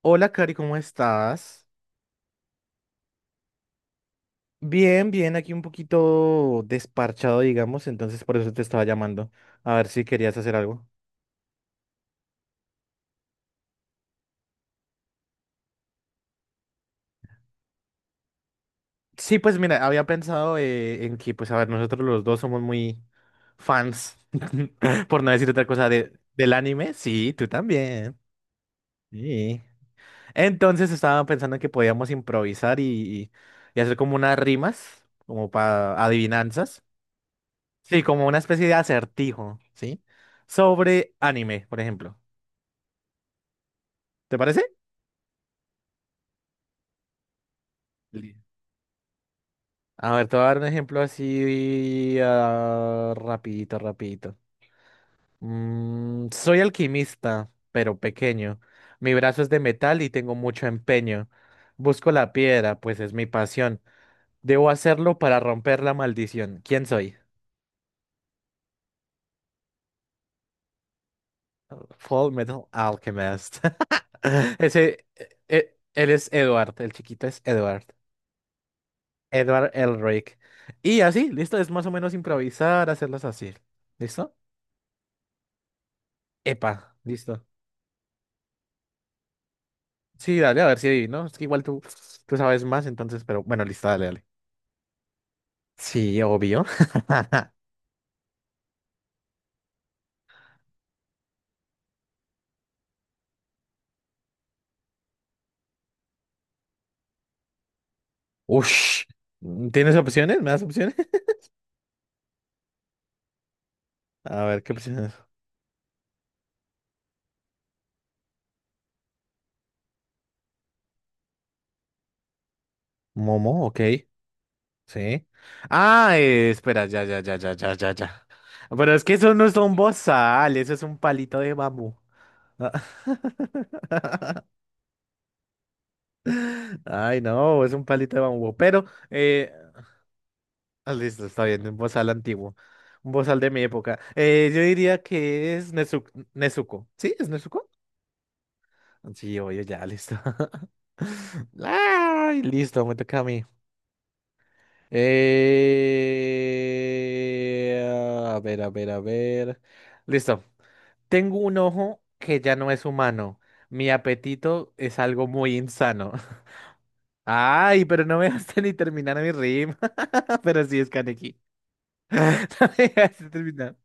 Hola, Cari, ¿cómo estás? Bien, bien, aquí un poquito desparchado, digamos, entonces por eso te estaba llamando, a ver si querías hacer algo. Sí, pues mira, había pensado en que, pues a ver, nosotros los dos somos muy fans, por no decir otra cosa, del anime. Sí, tú también. Sí. Entonces estaba pensando que podíamos improvisar y hacer como unas rimas, como para adivinanzas. Sí, como una especie de acertijo, ¿sí? Sobre anime, por ejemplo. ¿Te parece? Li- A ver, te voy a dar un ejemplo así rapidito, rapidito. Soy alquimista, pero pequeño. Mi brazo es de metal y tengo mucho empeño. Busco la piedra, pues es mi pasión. Debo hacerlo para romper la maldición. ¿Quién soy? Full Metal Alchemist. Ese, él es Edward, el chiquito es Edward. Edward Elric. Y así, listo, es más o menos improvisar, hacerlas así. ¿Listo? Epa, listo. Sí, dale, a ver si ahí, ¿no? Es que igual tú sabes más, entonces, pero bueno, listo, dale, dale. Sí, obvio. Ush. ¿Tienes opciones? ¿Me das opciones? A ver, ¿qué opciones? Momo, ok. Sí. Ah, espera, ya, ya, ya, ya, ya, ya, ya. Pero es que eso no es un bozal, eso es un palito de bambú. Ah. Ay, no, es un palito de bambú. Pero, Ah, listo, está bien, un bozal antiguo. Un bozal de mi época. Yo diría que es Nezuko. ¿Sí? ¿Es Nezuko? Sí, oye, ya, listo. Ay, listo, me toca a mí. Eh, a ver, a ver, a ver. Listo. Tengo un ojo que ya no es humano. Mi apetito es algo muy insano. Ay, pero no me dejaste ni terminar mi rima, pero sí es Kaneki. No me dejaste terminar.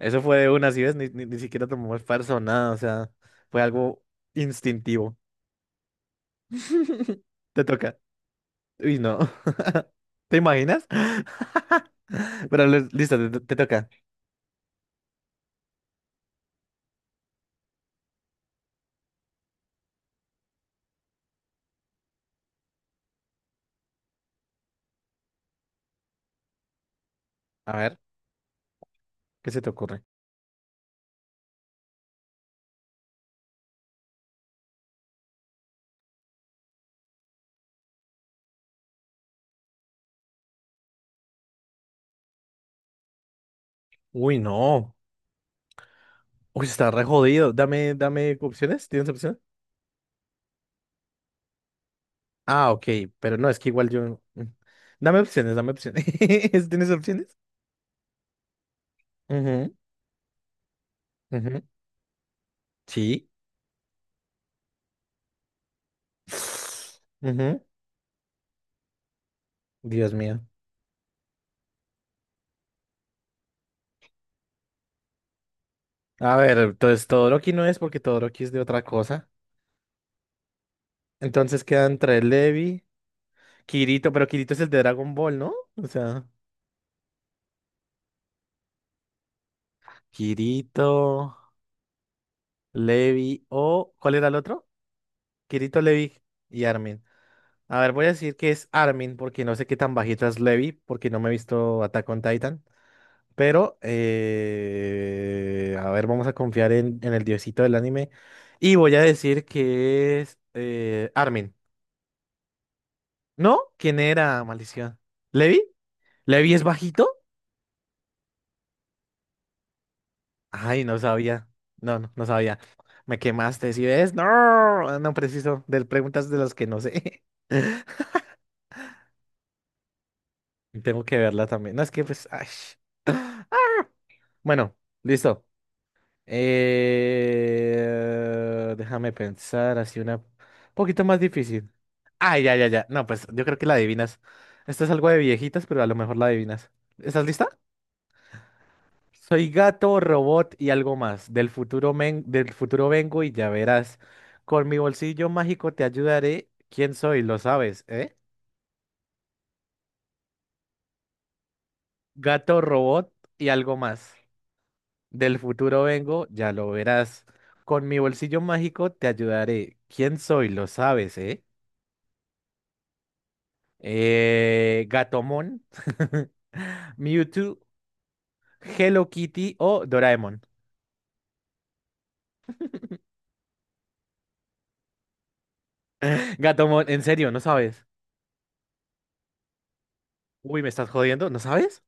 Eso fue de una, si ves, ni siquiera tomó esfuerzo, o nada, o sea, fue algo instintivo. Te toca. Uy, no. ¿Te imaginas? Pero listo, te toca. A ver, ¿qué se te ocurre? Uy, no. Uy, está re jodido. Dame opciones. ¿Tienes opciones? Ah, ok, pero no, es que igual yo. Mm. Dame opciones, dame opciones. ¿Tienes opciones? Ujú, ujú. Sí. Ujú. Dios mío. A ver, entonces Todoroki no es porque Todoroki es de otra cosa. Entonces quedan entre Levi, Kirito, pero Kirito es el de Dragon Ball, ¿no? O sea, Kirito, Levi o... ¿Cuál era el otro? Kirito, Levi y Armin. A ver, voy a decir que es Armin porque no sé qué tan bajito es Levi porque no me he visto Attack on Titan. Pero, a ver, vamos a confiar en el diosito del anime. Y voy a decir que es Armin. ¿No? ¿Quién era? Maldición. ¿Levi? ¿Levi es bajito? Ay, no sabía. No sabía. Me quemaste, ¿sí ves? No, ah, no preciso. De preguntas de las que no sé. Tengo que verla también. No, es que pues. Ay. Bueno, listo. Déjame pensar así una poquito más difícil. Ah, ya, ya, ya. No, pues yo creo que la adivinas. Esto es algo de viejitas, pero a lo mejor la adivinas. ¿Estás lista? Soy gato, robot y algo más. Del futuro vengo y ya verás. Con mi bolsillo mágico te ayudaré. ¿Quién soy? Lo sabes, ¿eh? Gato, robot y algo más. Del futuro vengo, ya lo verás. Con mi bolsillo mágico te ayudaré. ¿Quién soy? Lo sabes, ¿eh? Gatomon, Mewtwo, Hello Kitty o Doraemon. Gatomon, en serio, ¿no sabes? Uy, ¿me estás jodiendo? ¿No sabes?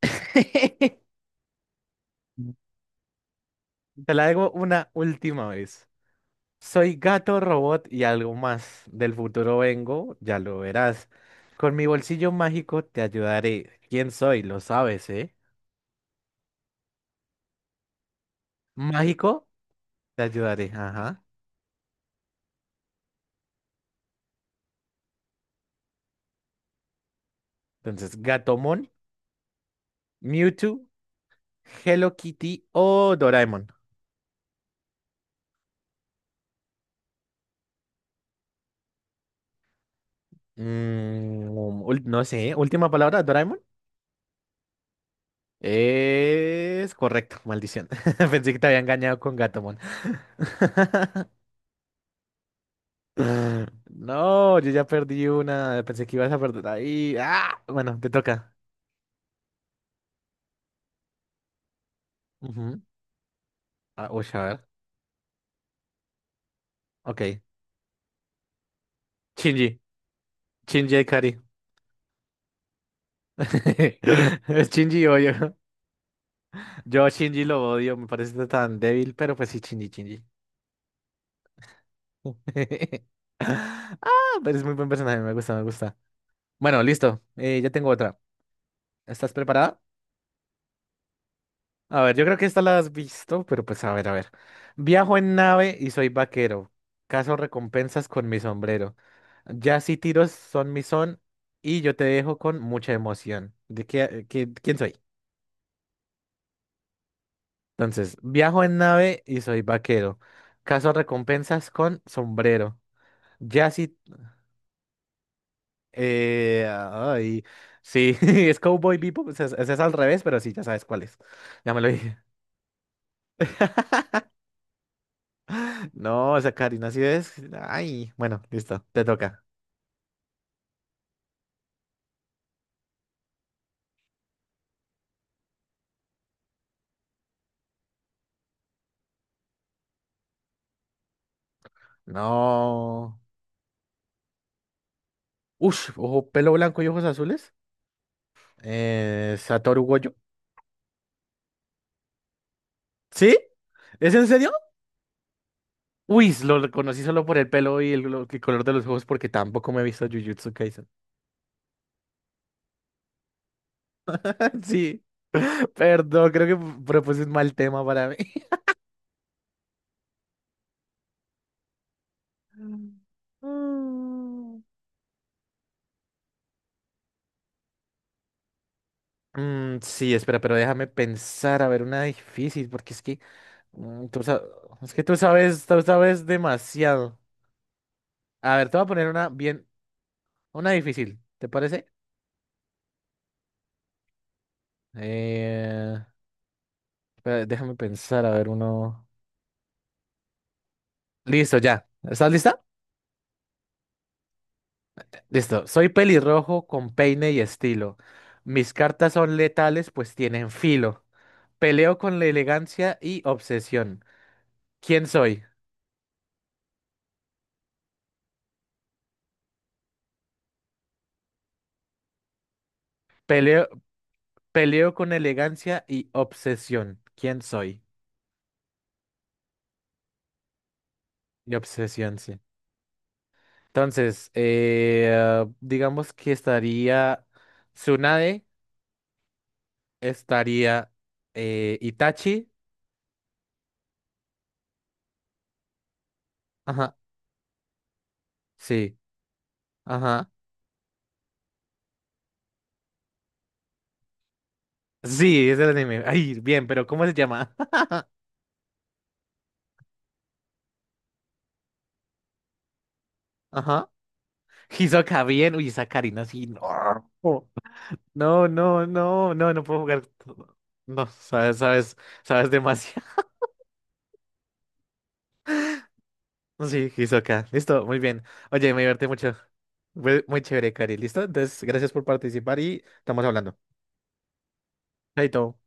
Te la hago una última vez. Soy gato, robot y algo más. Del futuro vengo, ya lo verás. Con mi bolsillo mágico te ayudaré. ¿Quién soy? Lo sabes, ¿eh? Mágico, te ayudaré. Ajá. Entonces, Gatomon, Mewtwo, Hello Kitty o Doraemon. Mm, no sé, última palabra, Doraemon. Es correcto, maldición. Pensé que te había engañado con Gatomon. No, yo ya perdí una. Pensé que ibas a perder ahí. ¡Ah! Bueno, te toca. Ujú. Ah, uy, a ver. Ok. Shinji. Shinji Ikari. Es Shinji odio. Yo a Shinji lo odio. Me parece tan débil, pero pues sí, Shinji, Shinji. Ah, pero es muy buen personaje. Me gusta, me gusta. Bueno, listo. Ya tengo otra. ¿Estás preparada? A ver, yo creo que esta la has visto, pero pues a ver, a ver. Viajo en nave y soy vaquero. Caso recompensas con mi sombrero. Ya si tiros son mi son y yo te dejo con mucha emoción. ¿De qué, quién soy? Entonces, viajo en nave y soy vaquero. Caso recompensas con sombrero. Ya si... Eh, ay, sí, es Cowboy Bebop, o sea, es al revés, pero sí, ya sabes cuál es. Ya me lo dije. No, esa Karina, si es. Ay, bueno, listo, te toca. No. Ush, ojo, pelo blanco y ojos azules. Satoru Gojo. ¿Sí? ¿Es en serio? Uy, lo reconocí solo por el pelo y el color de los ojos porque tampoco me he visto Jujutsu Kaisen. Sí, perdón, creo que propuse un mal tema para mí. Mm. Sí, espera, pero déjame pensar, a ver, una difícil, porque es que mm, tú, sa- es que tú sabes demasiado. A ver, te voy a poner una bien, una difícil, ¿te parece? Eh, espera, déjame pensar, a ver, uno. Listo, ya. ¿Estás lista? Listo. Soy pelirrojo con peine y estilo. Mis cartas son letales, pues tienen filo. Peleo con la elegancia y obsesión. ¿Quién soy? Peleo, peleo con elegancia y obsesión. ¿Quién soy? Y obsesión, sí. Entonces, digamos que estaría Tsunade. Estaría Itachi. Ajá, sí, ajá. Sí, es el anime. Ay, bien, pero ¿cómo se llama? Ajá. Hisoka, bien. Uy, esa Karina, sí. No, no puedo jugar. No, sabes, sabes demasiado. Sí, Hisoka. Listo, muy bien. Oye, me divertí mucho. Fue muy chévere, Cari. ¿Listo? Entonces, gracias por participar y estamos hablando. Chaito.